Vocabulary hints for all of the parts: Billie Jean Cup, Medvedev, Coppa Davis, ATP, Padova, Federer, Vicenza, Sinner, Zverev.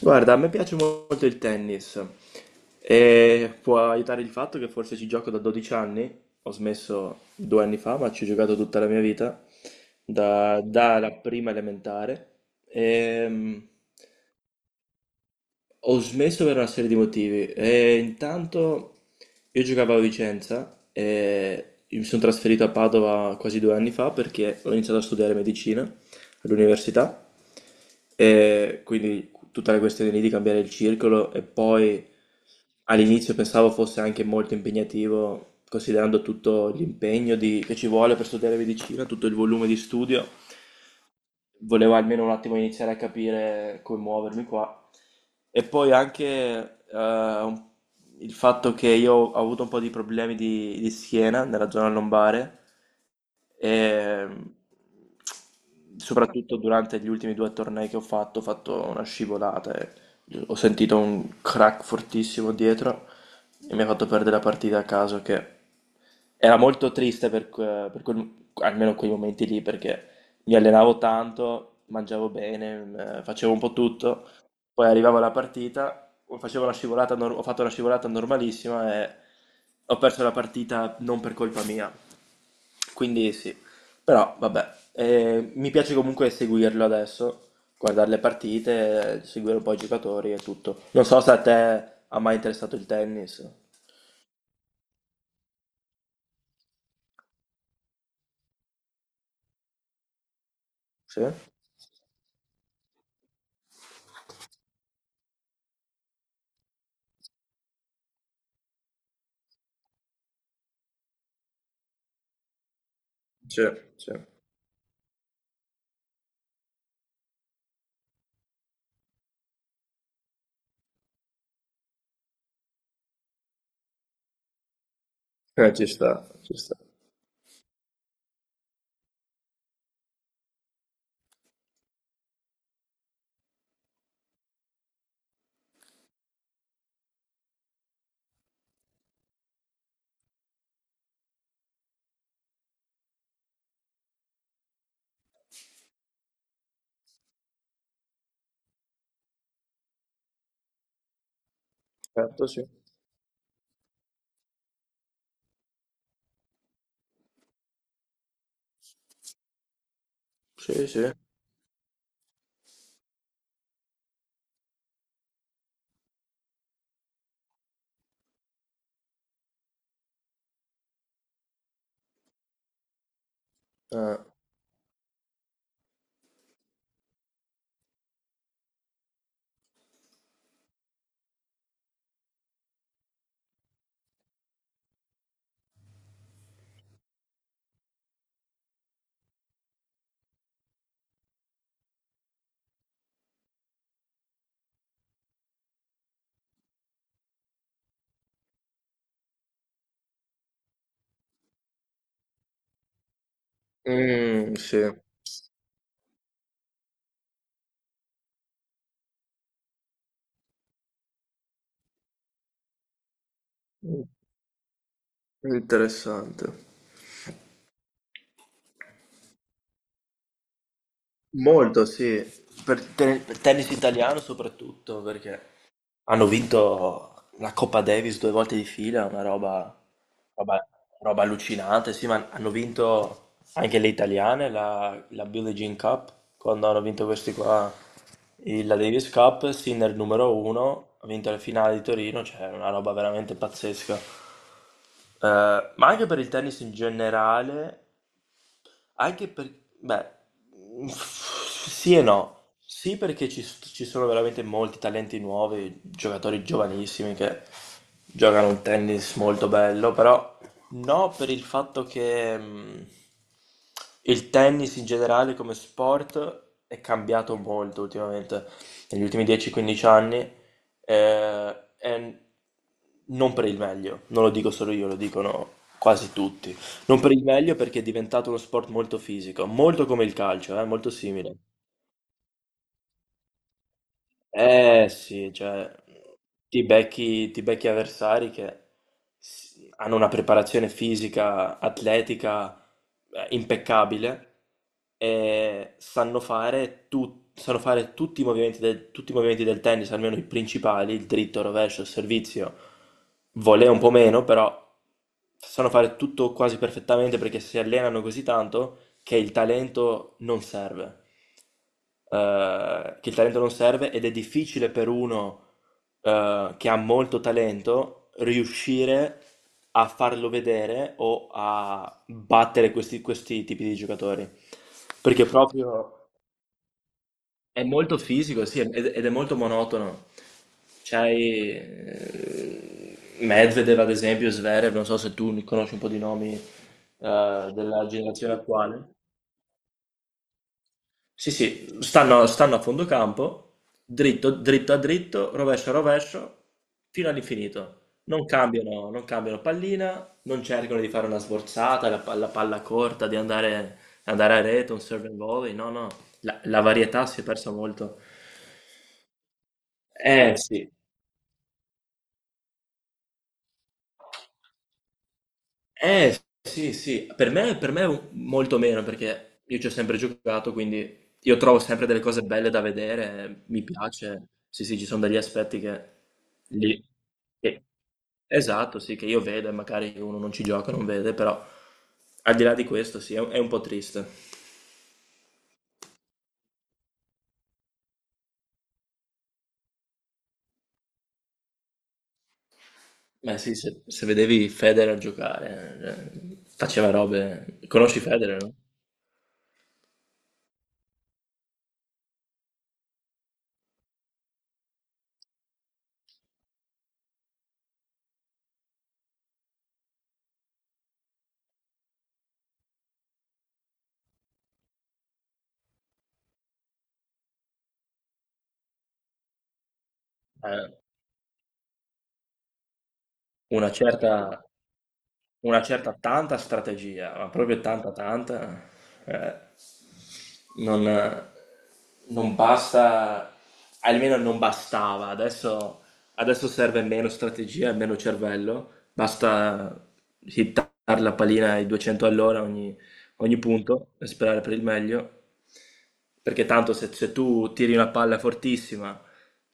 Guarda, a me piace molto il tennis e può aiutare il fatto che forse ci gioco da 12 anni, ho smesso due anni fa, ma ci ho giocato tutta la mia vita, dalla prima elementare. Ehm, Ho smesso per una serie di motivi. E intanto io giocavo a Vicenza e io mi sono trasferito a Padova quasi due anni fa perché ho iniziato a studiare medicina all'università, e quindi tutta la questione lì di cambiare il circolo e poi all'inizio pensavo fosse anche molto impegnativo considerando tutto che ci vuole per studiare medicina, tutto il volume di studio. Volevo almeno un attimo iniziare a capire come muovermi qua. E poi anche eh, il fatto che io ho avuto un po' di problemi di schiena nella zona lombare e, soprattutto durante gli ultimi due tornei che ho fatto una scivolata e ho sentito un crack fortissimo dietro e mi ha fatto perdere la partita a caso, che era molto triste per, almeno quei momenti lì, perché mi allenavo tanto, mangiavo bene, facevo un po' tutto, poi arrivavo alla partita, ho- facevo una scivolata nor- ho fatto una scivolata normalissima e ho perso la partita non per colpa mia. Quindi sì, però vabbè, mi piace comunque seguirlo adesso, guardare le partite, seguire un po' i giocatori e tutto. Non so se a te ha mai interessato il tennis. Sì? Sì, sì. Ci sta, ci sta. Certo, sì. Sì, sì. Ah, mm, sì. Mm, interessante. Molto, sì. Per tennis italiano soprattutto, perché hanno vinto la Coppa Davis due volte di fila, una roba, roba- roba allucinante. Sì, ma hanno vinto anche le italiane, la Billie Jean Cup, quando hanno vinto questi qua, la Davis Cup, Sinner numero uno, ha vinto la finale di Torino, cioè una roba veramente pazzesca. Ma anche per il tennis in generale, anche per... Beh, mm, sì e no. Sì, perché ci sono veramente molti talenti nuovi, giocatori giovanissimi che giocano un tennis molto bello, però no per il fatto che il tennis in generale come sport è cambiato molto ultimamente, negli ultimi 10-15 anni, e non per il meglio, non lo dico solo io, lo dicono quasi tutti. Non per il meglio perché è diventato uno sport molto fisico, molto come il calcio, molto simile. Eh sì, cioè ti becchi avversari che hanno una preparazione fisica, atletica, impeccabile, e sanno fare, sanno fare tutti i movimenti del, tutti i movimenti del tennis, almeno i principali, il dritto, il rovescio, il servizio. Volè un po' meno, però sanno fare tutto quasi perfettamente perché si allenano così tanto che il talento non serve, che il talento non serve, ed è difficile per uno che ha molto talento riuscire a farlo vedere o a battere questi tipi di giocatori. Perché proprio è molto fisico, sì, ed ed è molto monotono. C'hai Medvedev, ad esempio, Zverev, non so se tu conosci un po' di nomi della generazione attuale. Sì, sì, stanno a fondo campo, dritto, dritto a dritto, rovescio a rovescio, fino all'infinito. Non cambiano, non cambiano pallina, non cercano di fare una sforzata, la palla corta, di andare, andare a rete, un serve and volley, no, no, la varietà si è persa molto. Eh sì, eh, sì, sì, per me molto meno perché io ci ho sempre giocato, quindi io trovo sempre delle cose belle da vedere, mi piace, sì, sì, ci sono degli aspetti che lì, che- esatto, sì, che io vedo e magari uno non ci gioca, non vede, però al di là di questo, sì, è un po' triste. Ma sì, se, se vedevi Federer giocare, faceva robe, conosci Federer, no? Eh, una certa... Una certa tanta strategia, ma proprio tanta tanta, eh, non non basta, almeno non bastava. Adesso adesso serve meno strategia e meno cervello, basta hittare la pallina ai 200 all'ora ogni punto e sperare per il meglio. Perché tanto se, se tu tiri una palla fortissima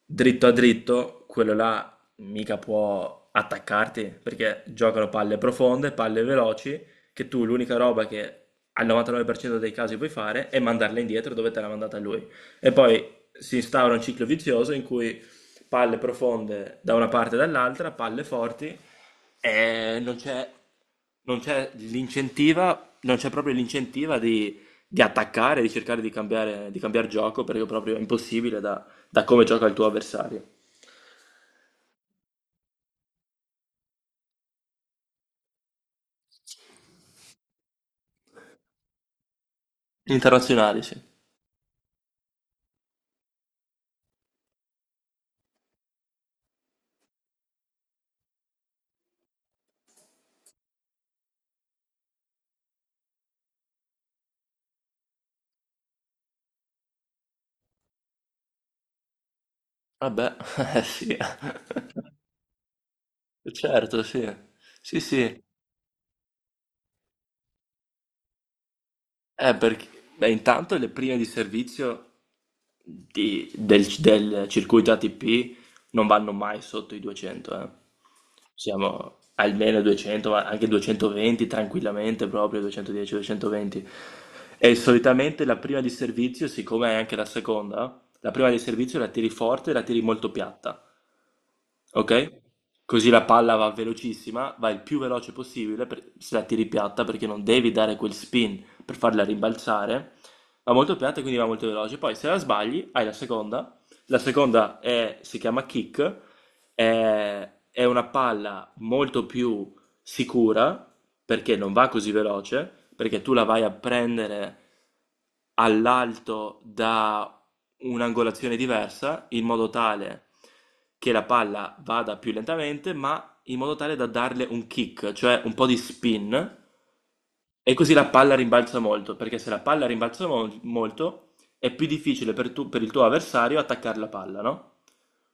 dritto a dritto, quello là mica può attaccarti, perché giocano palle profonde, palle veloci, che tu l'unica roba che al 99% dei casi puoi fare è mandarla indietro dove te l'ha mandata lui. E poi si instaura un ciclo vizioso in cui palle profonde da una parte e dall'altra, palle forti, e non c'è non c'è l'incentiva, non c'è proprio l'incentiva di attaccare, di cercare di cambiare gioco perché proprio è impossibile da, da come gioca il tuo avversario. Internazionali, sì. Vabbè, sì, certo, sì. Sì, sì. Perché, beh, intanto le prime di servizio del circuito ATP non vanno mai sotto i 200, eh. Siamo almeno 200, ma anche 220 tranquillamente, proprio 210, 220. E solitamente la prima di servizio, siccome è anche la seconda, la prima di servizio la tiri forte e la tiri molto piatta. Ok? Così la palla va velocissima, va il più veloce se la tiri piatta perché non devi dare quel spin per farla rimbalzare. Va molto piatta e quindi va molto veloce. Poi se la sbagli hai la seconda. La si chiama kick, è una palla molto più sicura, perché non va così veloce, perché tu la vai a prendere all'alto da un'angolazione diversa, in modo tale che la palla vada più lentamente, ma in modo tale da darle un kick, cioè un po' di spin, e così la palla rimbalza molto, perché se la palla rimbalza molto, è più difficile per, per il tuo avversario attaccare la palla, no?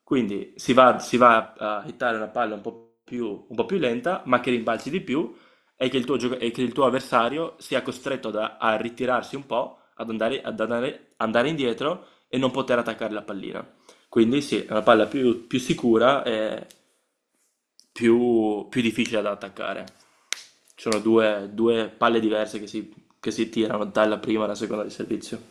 Quindi si va a hittare una palla un po' più lenta, ma che rimbalzi di più e che e che il tuo avversario sia costretto a ritirarsi un po', ad andare, andare indietro e non poter attaccare la pallina. Quindi sì, è una palla più, più sicura e più, più difficile da attaccare. Ci sono due, due palle diverse che si tirano dalla prima alla seconda di servizio.